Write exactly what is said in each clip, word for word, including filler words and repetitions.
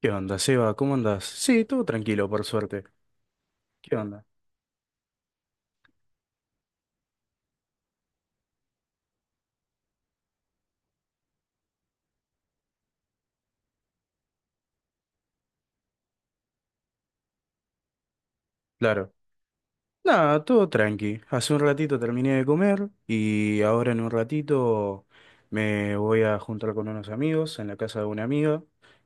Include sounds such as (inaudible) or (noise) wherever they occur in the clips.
¿Qué onda, Seba? ¿Cómo andás? Sí, todo tranquilo, por suerte. ¿Qué onda? Claro. Nada, todo tranqui. Hace un ratito terminé de comer y ahora en un ratito me voy a juntar con unos amigos en la casa de una amiga.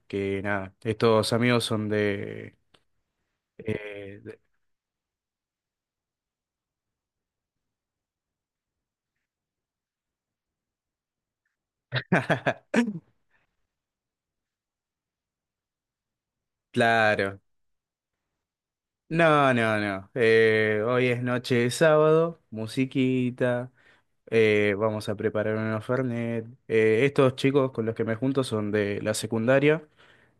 Que nada, estos amigos son de... eh, de- (laughs) Claro. No, no, no. Eh, hoy es noche de sábado, musiquita. Eh, vamos a preparar unos Fernet. Eh, estos chicos con los que me junto son de la secundaria,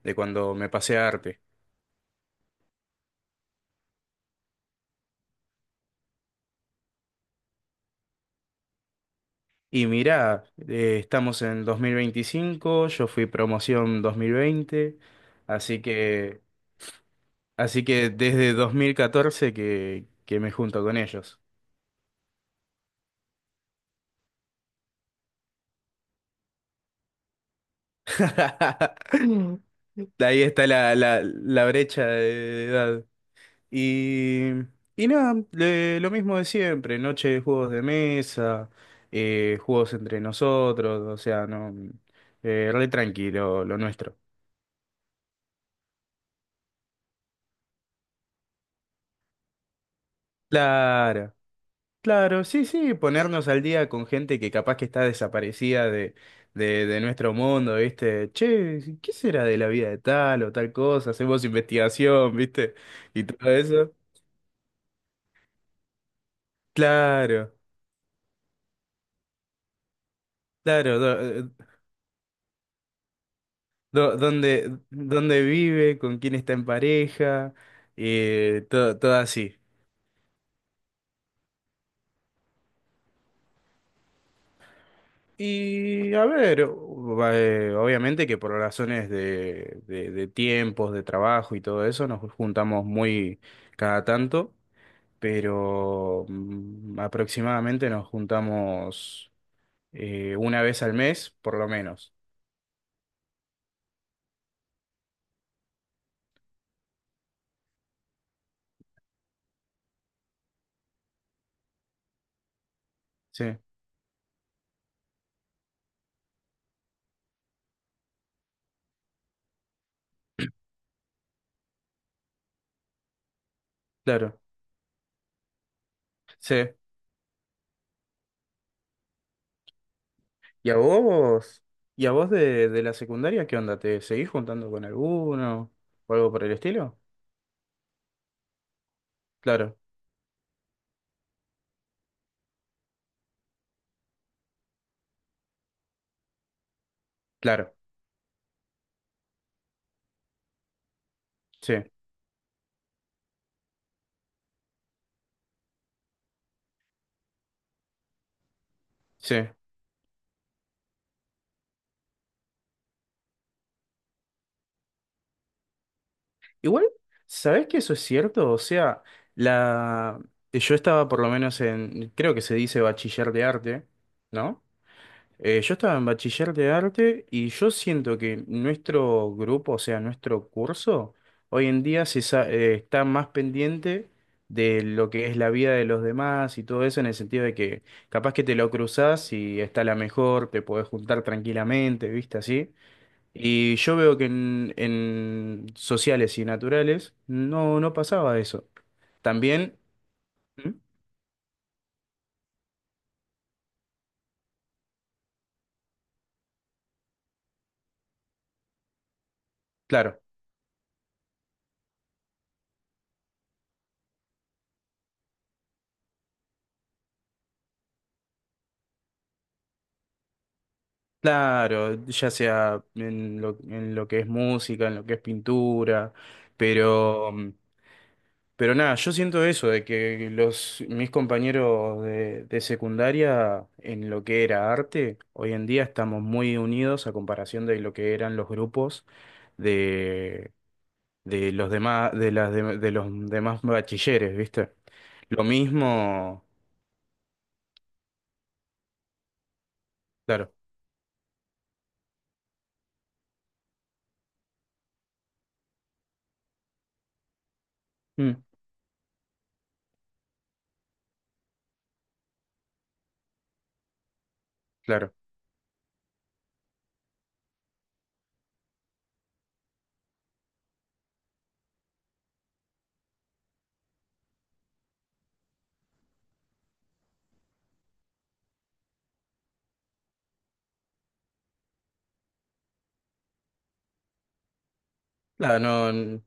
de cuando me pasé a arte. Y mirá, eh, estamos en dos mil veinticinco, yo fui promoción dos mil veinte, así que, así que desde dos mil catorce que, que me junto con ellos. (laughs) Ahí está la, la, la brecha de edad. Y, y nada, le- lo mismo de siempre, noche de juegos de mesa, eh, juegos entre nosotros, o sea, no, eh, re tranquilo lo nuestro. Claro. Claro, sí, sí, ponernos al día con gente que capaz que está desaparecida de, de, de nuestro mundo, ¿viste? Che, ¿qué será de la vida de tal o tal cosa? Hacemos investigación, ¿viste? Y todo eso. Claro, claro, do- do- dónde, dónde vive, con quién está en pareja, eh, todo, todo así. Y a ver, o- eh, obviamente que por razones de, de de tiempos, de trabajo y todo eso, nos juntamos muy cada tanto. Pero mm, aproximadamente nos juntamos eh, una vez al mes, por lo menos. Sí, claro, sí. ¿Y a vos? ¿Y a vos de, de la secundaria qué onda? ¿Te seguís juntando con alguno o algo por el estilo? Claro, claro, sí, sí. Igual, ¿sabés que eso es cierto? O sea, la... yo estaba por lo menos en, creo que se dice bachiller de arte, ¿no? Eh, yo estaba en bachiller de arte y yo siento que nuestro grupo, o sea, nuestro curso, hoy en día se sa- eh, está más pendiente de lo que es la vida de los demás y todo eso, en el sentido de que capaz que te lo cruzás y está la mejor, te podés juntar tranquilamente, ¿viste? Así. Y yo veo que en, en sociales y naturales no, no pasaba eso. También, ¿Mm? Claro. Claro, ya sea en lo, en lo que es música, en lo que es pintura, pero, mm, pero nada, yo siento eso, de que los, mis compañeros de, de secundaria, en lo que era arte, hoy en día estamos muy unidos a comparación de lo que eran los grupos de, de los demás, de las de, de los demás bachilleres, ¿viste? Lo mismo, claro, mm, claro, claro, no,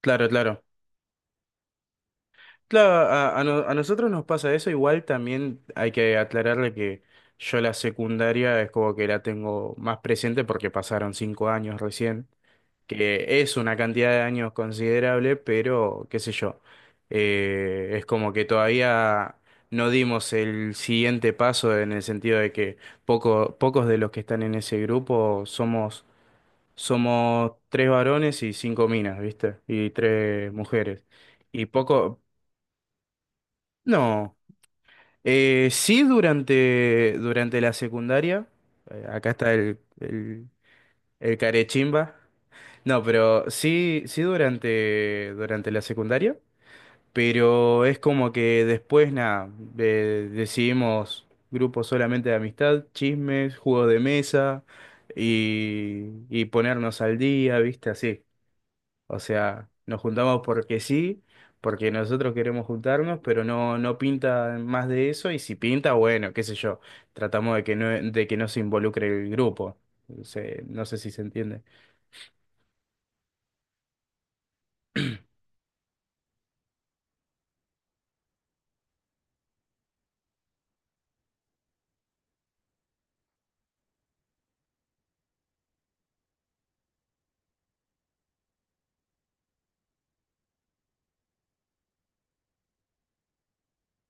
claro, claro. Claro, a, a no- a nosotros nos pasa eso, igual también hay que aclararle que yo la secundaria es como que la tengo más presente porque pasaron cinco años recién, que es una cantidad de años considerable, pero qué sé yo, eh, es como que todavía no dimos el siguiente paso en el sentido de que poco, pocos de los que están en ese grupo somos, somos, tres varones y cinco minas, ¿viste? Y tres mujeres. Y poco... No. Eh, sí, durante, durante la secundaria. Eh, acá está el, el, el carechimba. No, pero sí, sí durante, durante la secundaria. Pero es como que después, nada, eh, decidimos grupos solamente de amistad, chismes, juegos de mesa y, y ponernos al día, ¿viste? Así. O sea, nos juntamos porque sí, porque nosotros queremos juntarnos, pero no, no pinta más de eso, y si pinta, bueno, qué sé yo, tratamos de que no, de que no se involucre el grupo. Se- no sé si se entiende.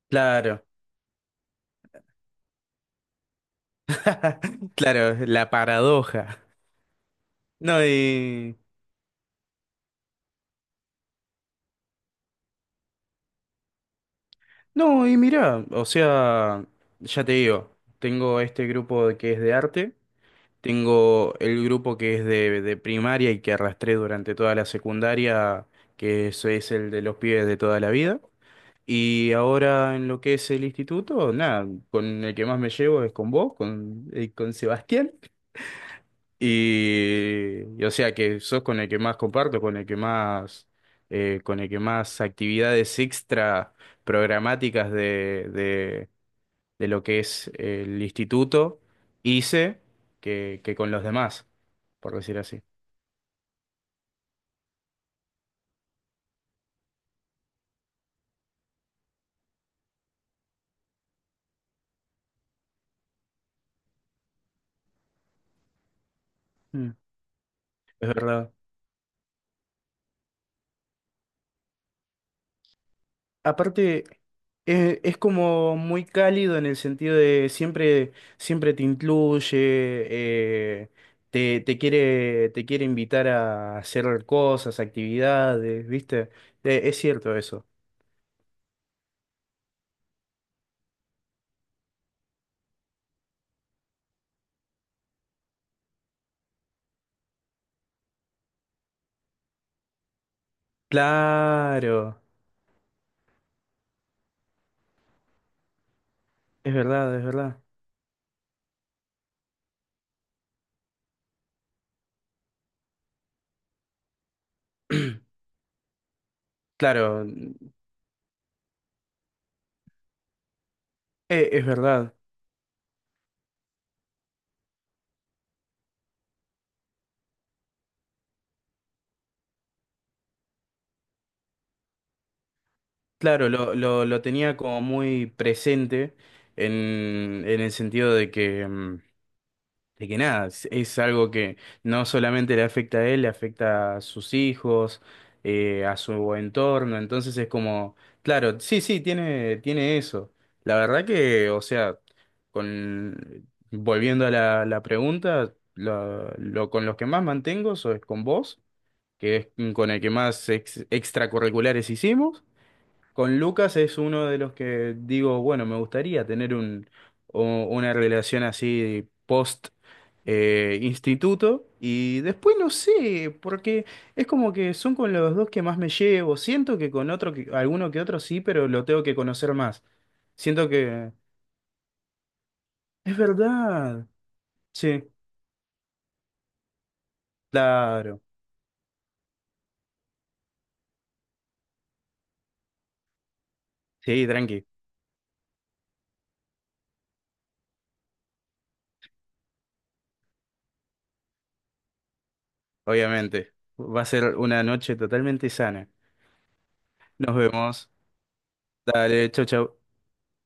Claro, (laughs) claro, la paradoja. No, y... No, y mirá, o sea, ya te digo, tengo este grupo que es de arte. Tengo el grupo que es de, de primaria y que arrastré durante toda la secundaria, que eso es el de los pibes de toda la vida. Y ahora en lo que es el instituto, nada, con el que más me llevo es con vos, con, eh, con Sebastián. Y, y o sea que sos con el que más comparto, con el que más, eh, con el que más actividades extra programáticas de, de lo que es el instituto, hice que, que con los demás, por decir así. Mm. Es verdad. Aparte, eh, es como muy cálido en el sentido de siempre, siempre te incluye, eh, te, te quiere, te quiere invitar a hacer cosas, actividades, ¿viste? Eh, es cierto eso. Claro, es verdad, es verdad. Claro, eh, es verdad. Claro, lo, lo, lo tenía como muy presente en, en el sentido de que, mm, de que nada, es, es algo que no solamente le afecta a él, le afecta a sus hijos, eh, a su entorno, entonces es como, claro, sí, sí, tiene, tiene eso. La verdad que, o sea, con, volviendo a la, la pregunta, lo, lo- con los que más mantengo so- es con vos, que es con el que más ex- extracurriculares hicimos. Con Lucas es uno de los que digo, bueno, me gustaría tener un, o- una relación así post eh, instituto y después no sé, porque es como que son con los dos que más me llevo. Siento que con otro, que, alguno que otro sí, pero lo tengo que conocer más. Siento que es verdad. Sí, claro. Sí, tranqui, obviamente. Va a ser una noche totalmente sana. Nos vemos. Dale, chau, chau.